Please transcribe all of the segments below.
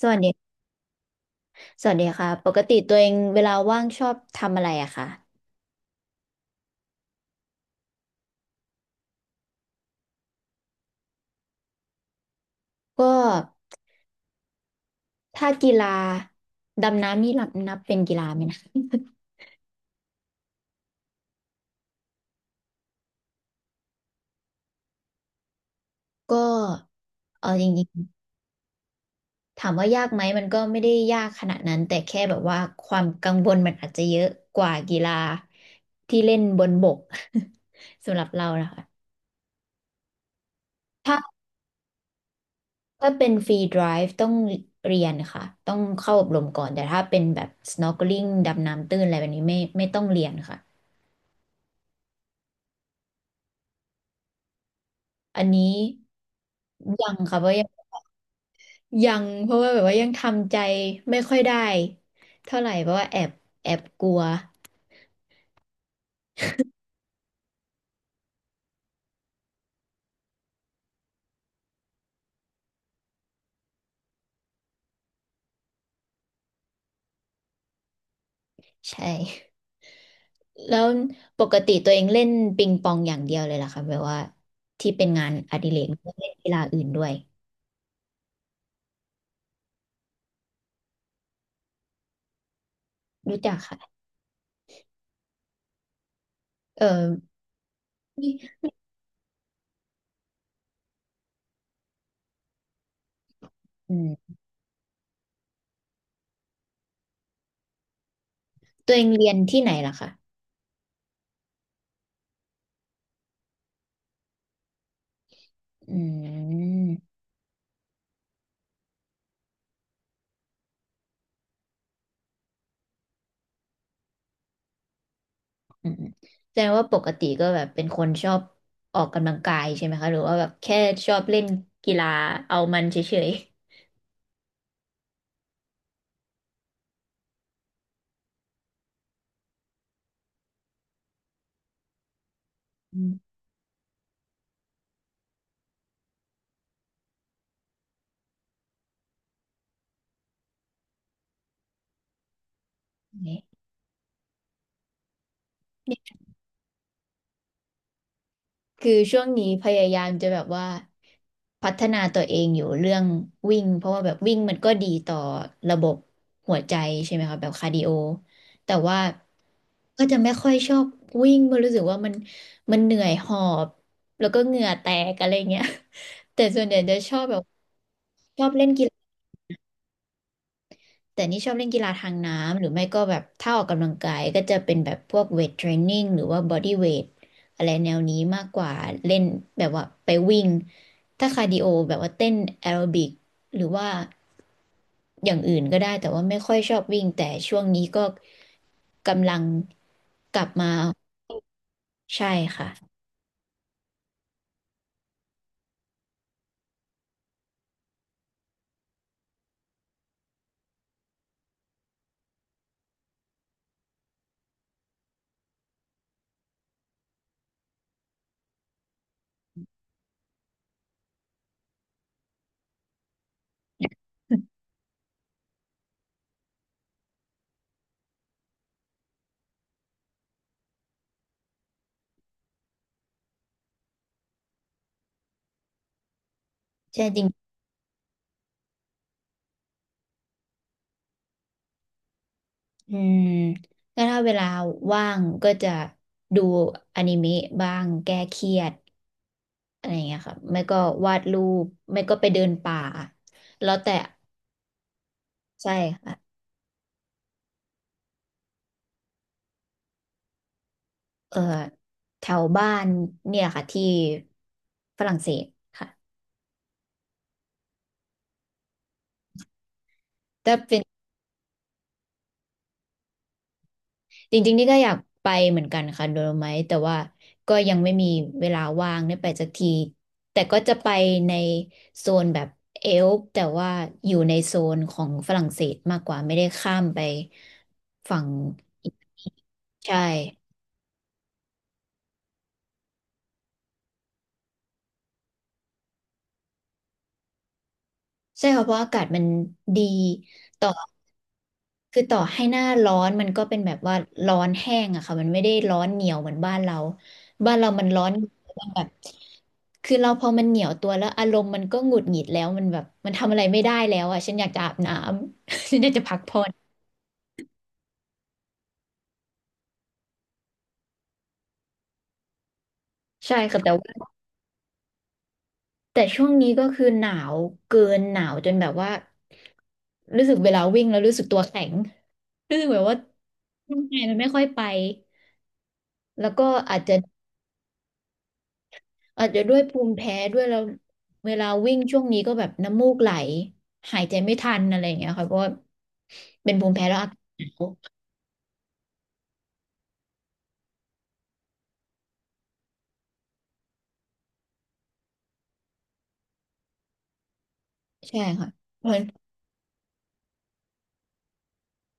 สวัสดี สวัสดีค่ะปกติตัวเองเวลาว่างชอบทำอะไรอะคะก็ถ้ากีฬาดำน้ำนี่นับเป็นกีฬาไหมนะก็เออจริงๆถามว่ายากไหมมันก็ไม่ได้ยากขนาดนั้นแต่แค่แบบว่าความกังวลมันอาจจะเยอะกว่ากีฬาที่เล่นบนบก สำหรับเรานะคะ ถ้าถ้าเป็นฟรีไดฟ์ต้องเรียนค่ะต้องเข้าอบรมก่อนแต่ถ้าเป็นแบบ snorkeling ดำน้ำตื้นอะไรแบบนี้ไม่ต้องเรียนค่ะ อันนี้ยังค่ะเพราะยังเพราะว่าแบบว่ายังทำใจไม่ค่อยได้เท่าไหร่เพราะว่าแอบกลัวใช่ แล้วปกติตัวเองเล่นปิงปองอย่างเดียวเลยเหรอคะแบบว่าที่เป็นงานอดิเรกไม่ได้เล่นกีฬาอื่นด้วยรู้จักค่ะเออนี่อืมตัวเองเรียนที่ไหนล่ะคะอืมอืมแสดงว่าปกติก็แบบเป็นคนชอบออกกำลังกายใช่ไหมคะหรือว่าแบบแค่ชอบเล่นกีฬาเอามันเฉย อืมเนี่ยคือช่วงนี้พยายามจะแบบว่าพัฒนาตัวเองอยู่เรื่องวิ่งเพราะว่าแบบวิ่งมันก็ดีต่อระบบหัวใจใช่ไหมคะแบบคาร์ดิโอแต่ว่าก็จะไม่ค่อยชอบวิ่งเพราะรู้สึกว่ามันเหนื่อยหอบแล้วก็เหงื่อแตกอะไรเงี้ย แต่ส่วนใหญ่จะชอบแบบชอบเล่นกีฬา แต่นี่ชอบเล่นกีฬาทางน้ำหรือไม่ก็แบบถ้าออกกำลังกายก็จะเป็นแบบพวกเวทเทรนนิ่งหรือว่าบอดี้เวทอะไรแนวนี้มากกว่าเล่นแบบว่าไปวิ่งถ้าคาร์ดิโอแบบว่าเต้นแอโรบิกหรือว่าอย่างอื่นก็ได้แต่ว่าไม่ค่อยชอบวิ่งแต่ช่วงนี้ก็กำลังกลับมาใช่ค่ะใช่จริงอืมก็ถ้าเวลาว่างก็จะดูอนิเมะบ้างแก้เครียด อะไรอย่างเงี้ยค่ะไม่ก็วาดรูปไม่ก็ไปเดินป่าแล้วแต่ใช่ค่ะเออแถวบ้านเนี่ยค่ะที่ฝรั่งเศสค่ะแต่เป็นจริงๆนี่ก็อยากไปเหมือนกันค่ะโดโลไมท์แต่ว่าก็ยังไม่มีเวลาว่างได้ไปสักทีแต่ก็จะไปในโซนแบบเอลป์แต่ว่าอยู่ในโซนของฝรั่งเศสมากกว่าไม่ได้ข้ามไปฝั่งอิตาลีใช่ใช่ค่ะเพราะอากาศมันดี คือต่อให้หน้าร้อนมันก็เป็นแบบว่าร้อนแห้งอะค่ะมันไม่ได้ร้อนเหนียวเหมือนบ้านเราบ้านเรามันร้อนมันแบบคือเราพอมันเหนียวตัวแล้วอารมณ์มันก็หงุดหงิดแล้วมันแบบมันทำอะไรไม่ได้แล้วอะฉันอยากจะอาบน้ำ ฉันอยากจะพักผ่อนใช่ค่ะแต่ว่าแต่ช่วงนี้ก็คือหนาวเกินหนาวจนแบบว่ารู้สึกเวลาวิ่งแล้วรู้สึกตัวแข็งรู้สึกแบบว่า ร่างกายมันไม่ค่อยไปแล้วก็อาจจะ อาจจะด้วยภูมิแพ้ด้วยแล้วเวลาวิ่งช่วงนี้ก็แบบน้ำมูกไหลหายใจไม่ทันอะไรอย่างเงี้ยค่ะเพราะว่าเป็นภูมิแพ้แล้วอากาศหนาวใช่ค่ะเพราะน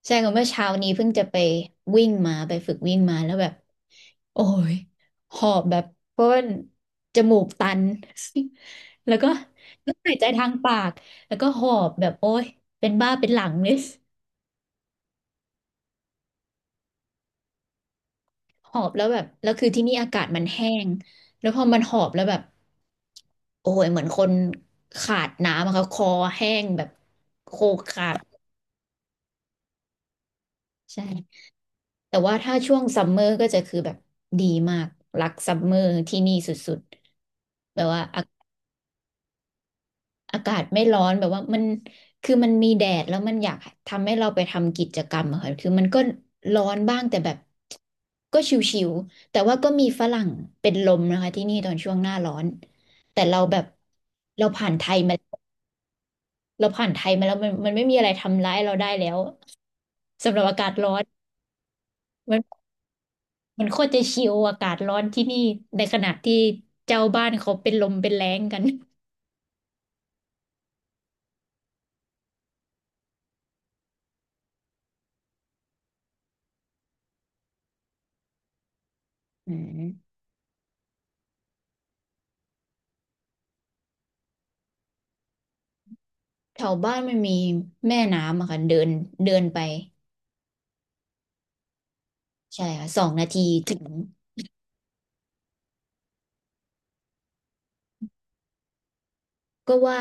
ใช่ค่ะเมื่อเช้านี้เพิ่งจะไปวิ่งมาไปฝึกวิ่งมาแล้วแบบโอ้ยหอบแบบเพราะว่าจมูกตัน แล้วก็ก็หายใจทางปากแล้วก็หอบแบบโอ้ยเป็นบ้าเป็นหลังเลย หอบแล้วแบบแล้วคือที่นี่อากาศมันแห้งแล้วพอมันหอบแล้วแบบโอ้ยเหมือนคนขาดน้ำอะค่ะคอแห้งแบบโคขาดใช่แต่ว่าถ้าช่วงซัมเมอร์ก็จะคือแบบดีมากรักซัมเมอร์ที่นี่สุดๆแบบว่า อากาศไม่ร้อนแบบว่ามันคือมันมีแดดแล้วมันอยากทำให้เราไปทำกิจกรรมอะค่ะคือมันก็ร้อนบ้างแต่แบบก็ชิวๆแต่ว่าก็มีฝรั่งเป็นลมนะคะที่นี่ตอนช่วงหน้าร้อนแต่เราแบบเราผ่านไทยมาเราผ่านไทยมาแล้วมันไม่มีอะไรทำร้ายเราได้แล้วสำหรับอากาศร้อนมันมันโคตรจะชิวอากาศร้อนที่นี่ในขณะที่เจ้าบ้านเขาเป็นลมเป็นแล้งกันอืมแถวบ้านมันมีแม่น้ำอะค่ะเดินเดินไป ใช่ค่ะสองนาทีถึงก็ว่า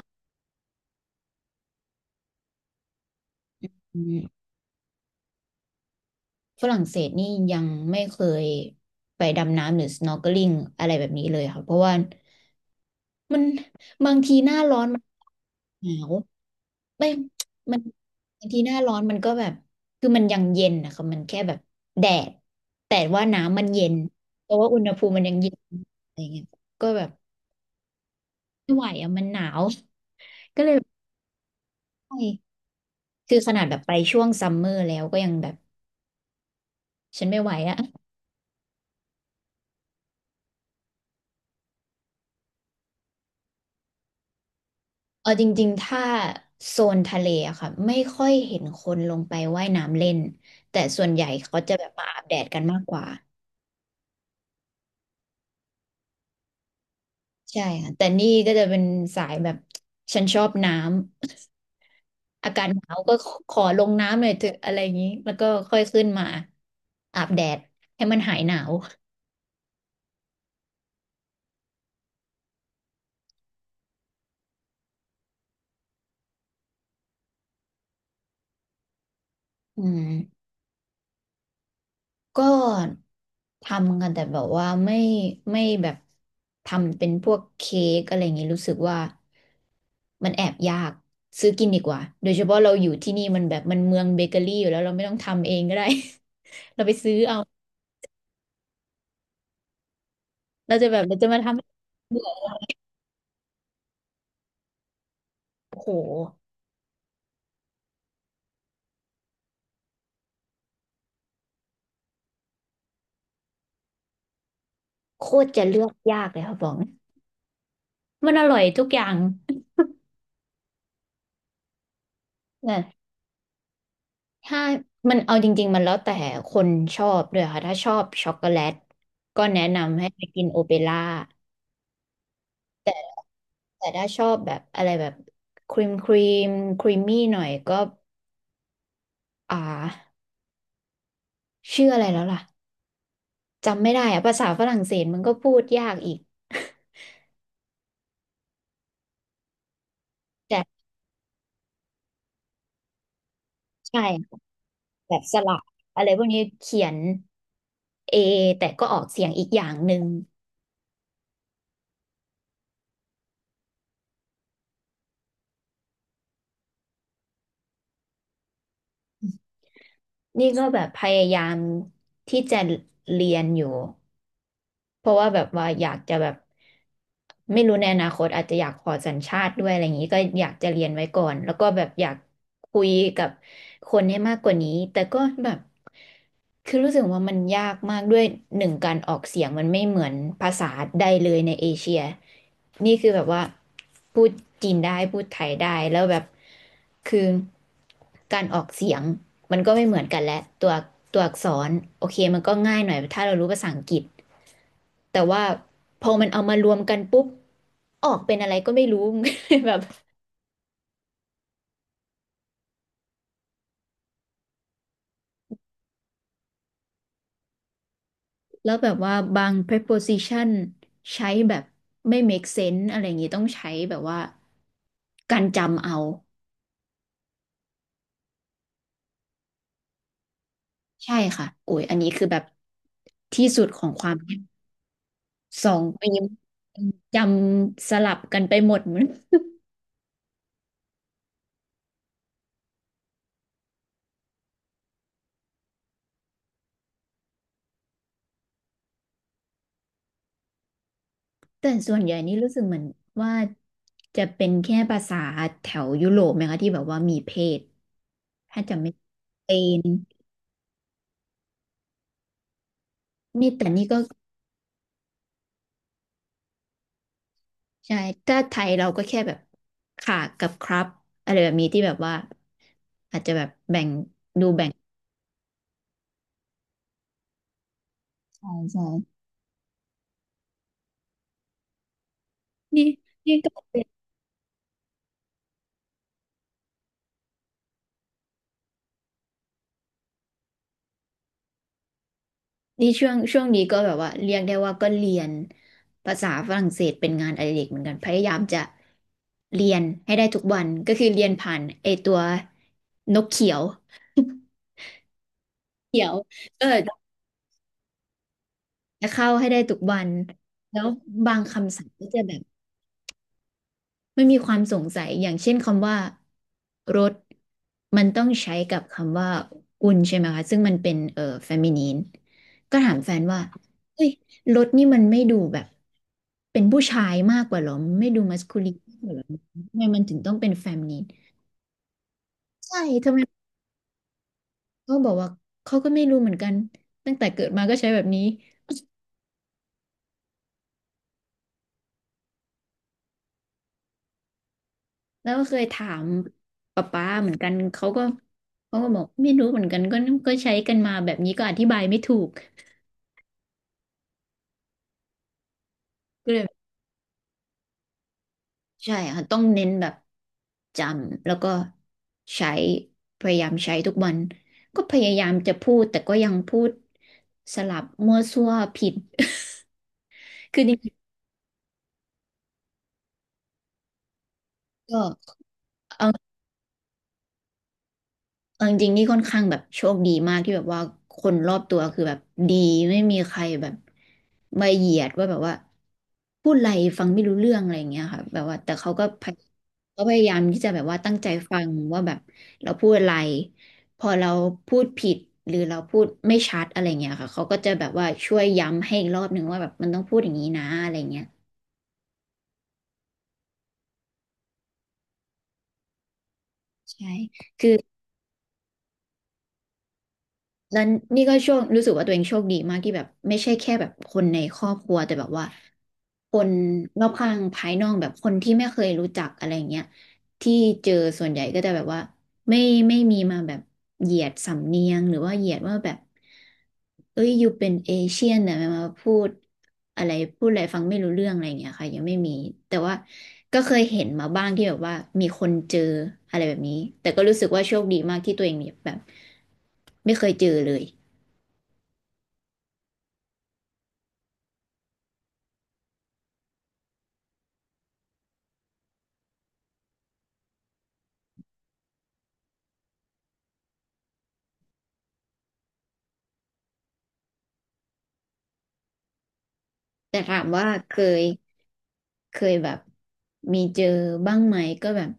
อืมฝรั่งเศสนี่ยังไม่เคยไปดำน้ำหรือ snorkeling อะไรแบบนี้เลยค่ะเพราะว่ามันบางทีหน้าร้อนมันหนาวไม่มันบางทีหน้าร้อนมันก็แบบคือมันยังเย็นนะคะมันแค่แบบแดดแต่ว่าน้ำมันเย็นเพราะว่าอุณหภูมิมันยังเย็นอะไรเงี้ยก็แบบไม่ไหวอ่ะมันหนาวก็เลยแบบไม่คือขนาดแบบไปช่วงซัมเมอร์แล้วก็ยังแบบฉันไม่ไหวอะ เออจริงๆ ถ้าโซนทะเลอะค่ะไม่ค่อยเห็นคนลงไปว่ายน้ำเล่นแต่ส่วนใหญ่เขาจะแบบมาอาบแดดกันมากกว่าใช่ค่ะแต่นี่ก็จะเป็นสายแบบฉันชอบน้ำ อากาศหนาวก็ขอลงน้ำหน่อยเถอะอะไรอย่างนี้แล้วก็ค่อยขึ้นมาอาบแดดให้มันหายหนาวอืม ก็ทำกันแต่แบบว่าไม่ไม่แบบทำเป็นพวกเค้กอะไรอย่างงี้รู้สึกว่ามันแอบยากซื้อกินดีกว่าโดยเฉพาะเราอยู่ที่นี่มันแบบมันเมืองเบเกอรี่อยู่แล้วเราไม่ต้องทำเองก็ได้ เราไปซื้อเอาเราจะแบบเราจะมาทำโอ้โหโคตรจะเลือกยากเลยค่ะบอกมันอร่อยทุกอย่างนะถ้ามันเอาจริงๆมันแล้วแต่คนชอบด้วยค่ะถ้าชอบช็อกโกแลตก็แนะนำให้ไปกินโอเปร่า แต่ถ้าชอบแบบอะไรแบบครีมครีมครีมมี่หน่อยก็อ่าชื่ออะไรแล้วล่ะจำไม่ได้อะภาษาฝรั่งเศสมันก็พูดยากอีก แต่ใช่แบบสระอะไรพวกนี้เขียนเอแต่ก็ออกเสียงอีกอย่างหนึ่งนี่ก็แบบพยายามที่จะเรียนอยู่ เพราะว่าแบบว่าอยากจะแบบไม่รู้ในอนาคตอาจจะอยากขอสัญชาติด้วยอะไรอย่างนี้ก็อยากจะเรียนไว้ก่อนแล้วก็แบบอยากคุยกับคนให้มากกว่านี้แต่ก็แบบคือรู้สึกว่ามันยากมากด้วยหนึ่งการออกเสียงมันไม่เหมือนภาษาใดเลยในเอเชียนี่คือแบบว่าพูดจีนได้พูดไทยได้แล้วแบบคือการออกเสียงมันก็ไม่เหมือนกันแหละตัวตัวอักษรโอเคมันก็ง่ายหน่อยถ้าเรารู้ภาษาอังกฤษ แต่ว่าพอมันเอามารวมกันปุ๊บออกเป็นอะไรก็ไม่รู้ แบบแล้วแบบว่าบาง preposition ใช้แบบไม่ make sense อะไรอย่างงี้ต้องใช้แบบว่าการจำเอาใช่ค่ะโอ้ยอันนี้คือแบบที่สุดของความยากสองปีจำสลับกันไปหมดเหมือน แต่ส่วนใหญ่นี่รู้สึกเหมือนว่าจะเป็นแค่ภาษาแถวยุโรปไหมคะที่แบบว่ามีเพศถ้าจำไม่เป็นนี่แต่นี่ก็ ใช่ ถ้าไทยเราก็แค่แบบค่ะกับครับอะไรแบบนี้ที่แบบว่าอาจจะแบบแบ่งดูแบ่งใช่ใช่นี่นี่ก็เป็นนี่ช่วงช่วงนี้ก็แบบว่าเรียกได้ว่าก็เรียนภาษาฝรั่งเศสเป็นงานอดิเรกเหมือนกันพยายามจะเรียนให้ได้ทุกวันก็คือเรียนผ่านไอตัวนกเขียวเขียวเออจะเข้าให้ได้ทุกวันแล้วบางคำศัพท์ก็จะแบบ มันมีความสงสัยอย่างเช่นคำว่ารถมันต้องใช้กับคำว่ากุนใช่ไหมคะซึ่งมันเป็นเฟมินีนก็ถามแฟนว่าเฮ้ยรถนี่มันไม่ดูแบบเป็นผู้ชายมากกว่าเหรอไม่ดูมัสคูลินมากกว่าเหรอทำไมมันถึงต้องเป็นเฟมินีนใช่ทำไมเขาบอกว่าเขาก็ไม่รู้เหมือนกันตั้งแต่เกิดมาก็ใช้แบบนี้แล้วก็เคยถามป๊าป๊าเหมือนกันเขาก็เขาก็บอกไม่รู้เหมือนกันก็ใช้กันมาแบบนี้ก็อธิบายไม่ถูกก็เลย ใช่ค่ะต้องเน้นแบบจำแล้วก็ใช้พยายามใช้ทุกวันก็พยายามจะพูดแต่ก็ยังพูดสลับมั่วซั่วผิด คือจริงๆก็เออ เอาจริงๆนี่ค่อนข้างแบบโชคดีมากที่แบบว่าคนรอบตัวคือแบบดีไม่มีใครแบบมาเหยียดว่าแบบว่าพูดอะไรฟังไม่รู้เรื่องอะไรอย่างเงี้ยค่ะแบบว่าแต่เขาพยายามที่จะแบบว่าตั้งใจฟังว่าแบบเราพูดอะไรพอเราพูดผิดหรือเราพูดไม่ชัดอะไรเงี้ยค่ะเขาก็จะแบบว่าช่วยย้ำให้อีกรอบหนึ่งว่าแบบมันต้องพูดอย่างนี้นะอะไรเงี้ยใช่ แล้วนี่ก็โชครู้สึกว่าตัวเองโชคดีมากที่แบบไม่ใช่แค่แบบคนในครอบครัวแต่แบบว่าคนรอบข้างภายนอกแบบคนที่ไม่เคยรู้จักอะไรเงี้ยที่เจอส่วนใหญ่ก็จะแบบว่า ไม่ไม่มีมาแบบเหยียดสำเนียงหรือว่าเหยียดว่าแบบเอ้ยอยู่เป็นเอเชียนแต่มาพูดอะไรพูดอะไรฟังไม่รู้เรื่องอะไรอย่างเงี้ยค่ะยังไม่มีแต่ว่าก็เคยเห็นมาบ้างที่แบบว่ามีคนเจออะไรแบบนี้แต่ก็รู้สึกว่าโชคดีมากที่ตัวเองเนี่ยแบบไม่เคยเจอเลยแต่ถามว่ายเคยแบบมีเจอบ้างไหมก็แบบ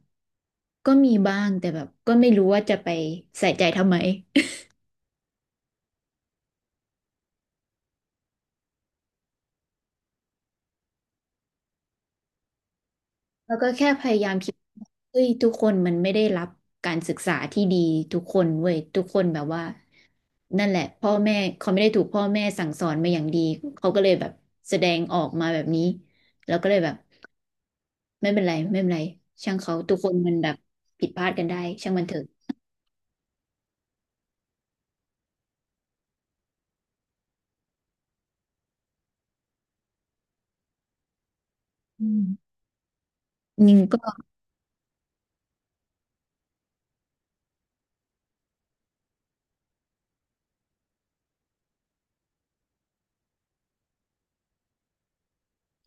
ก็มีบ้างแต่แบบก็ไม่รู้ว่าจะไปใส่ใจทำไม แล้วก็แค่พยายามคิดเฮ้ยทุกคนมันไม่ได้รับการศึกษาที่ดีทุกคนเว้ยทุกคนแบบว่านั่นแหละพ่อแม่เขาไม่ได้ถูกพ่อแม่สั่งสอนมาอย่างดีเขาก็เลยแบบแสดงออกมาแบบนี้แล้วก็เลยแบบไม่เป็นไรไม่เป็นไรช่างเขาทุกคนมันแบบผิดพลาดกันได้ช่างมันเถอะอืมยิงก็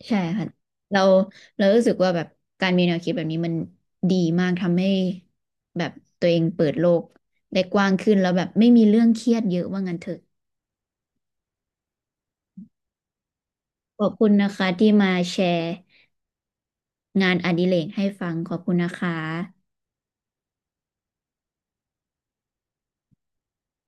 ใช่ค่ะเราเรารู้สึกว่าแบบการมีแนวคิดแบบนี้มันดีมากทำให้แบบตัวเองเปิดโลกได้กว้างขึ้นแล้วแบบไม่มีเรื่องเครียดเยอะว่างั้นเถอะ ขอบคุณนะคะที่มาแชร์งานอดิเรกให้ฟังขอบคุณนะคะ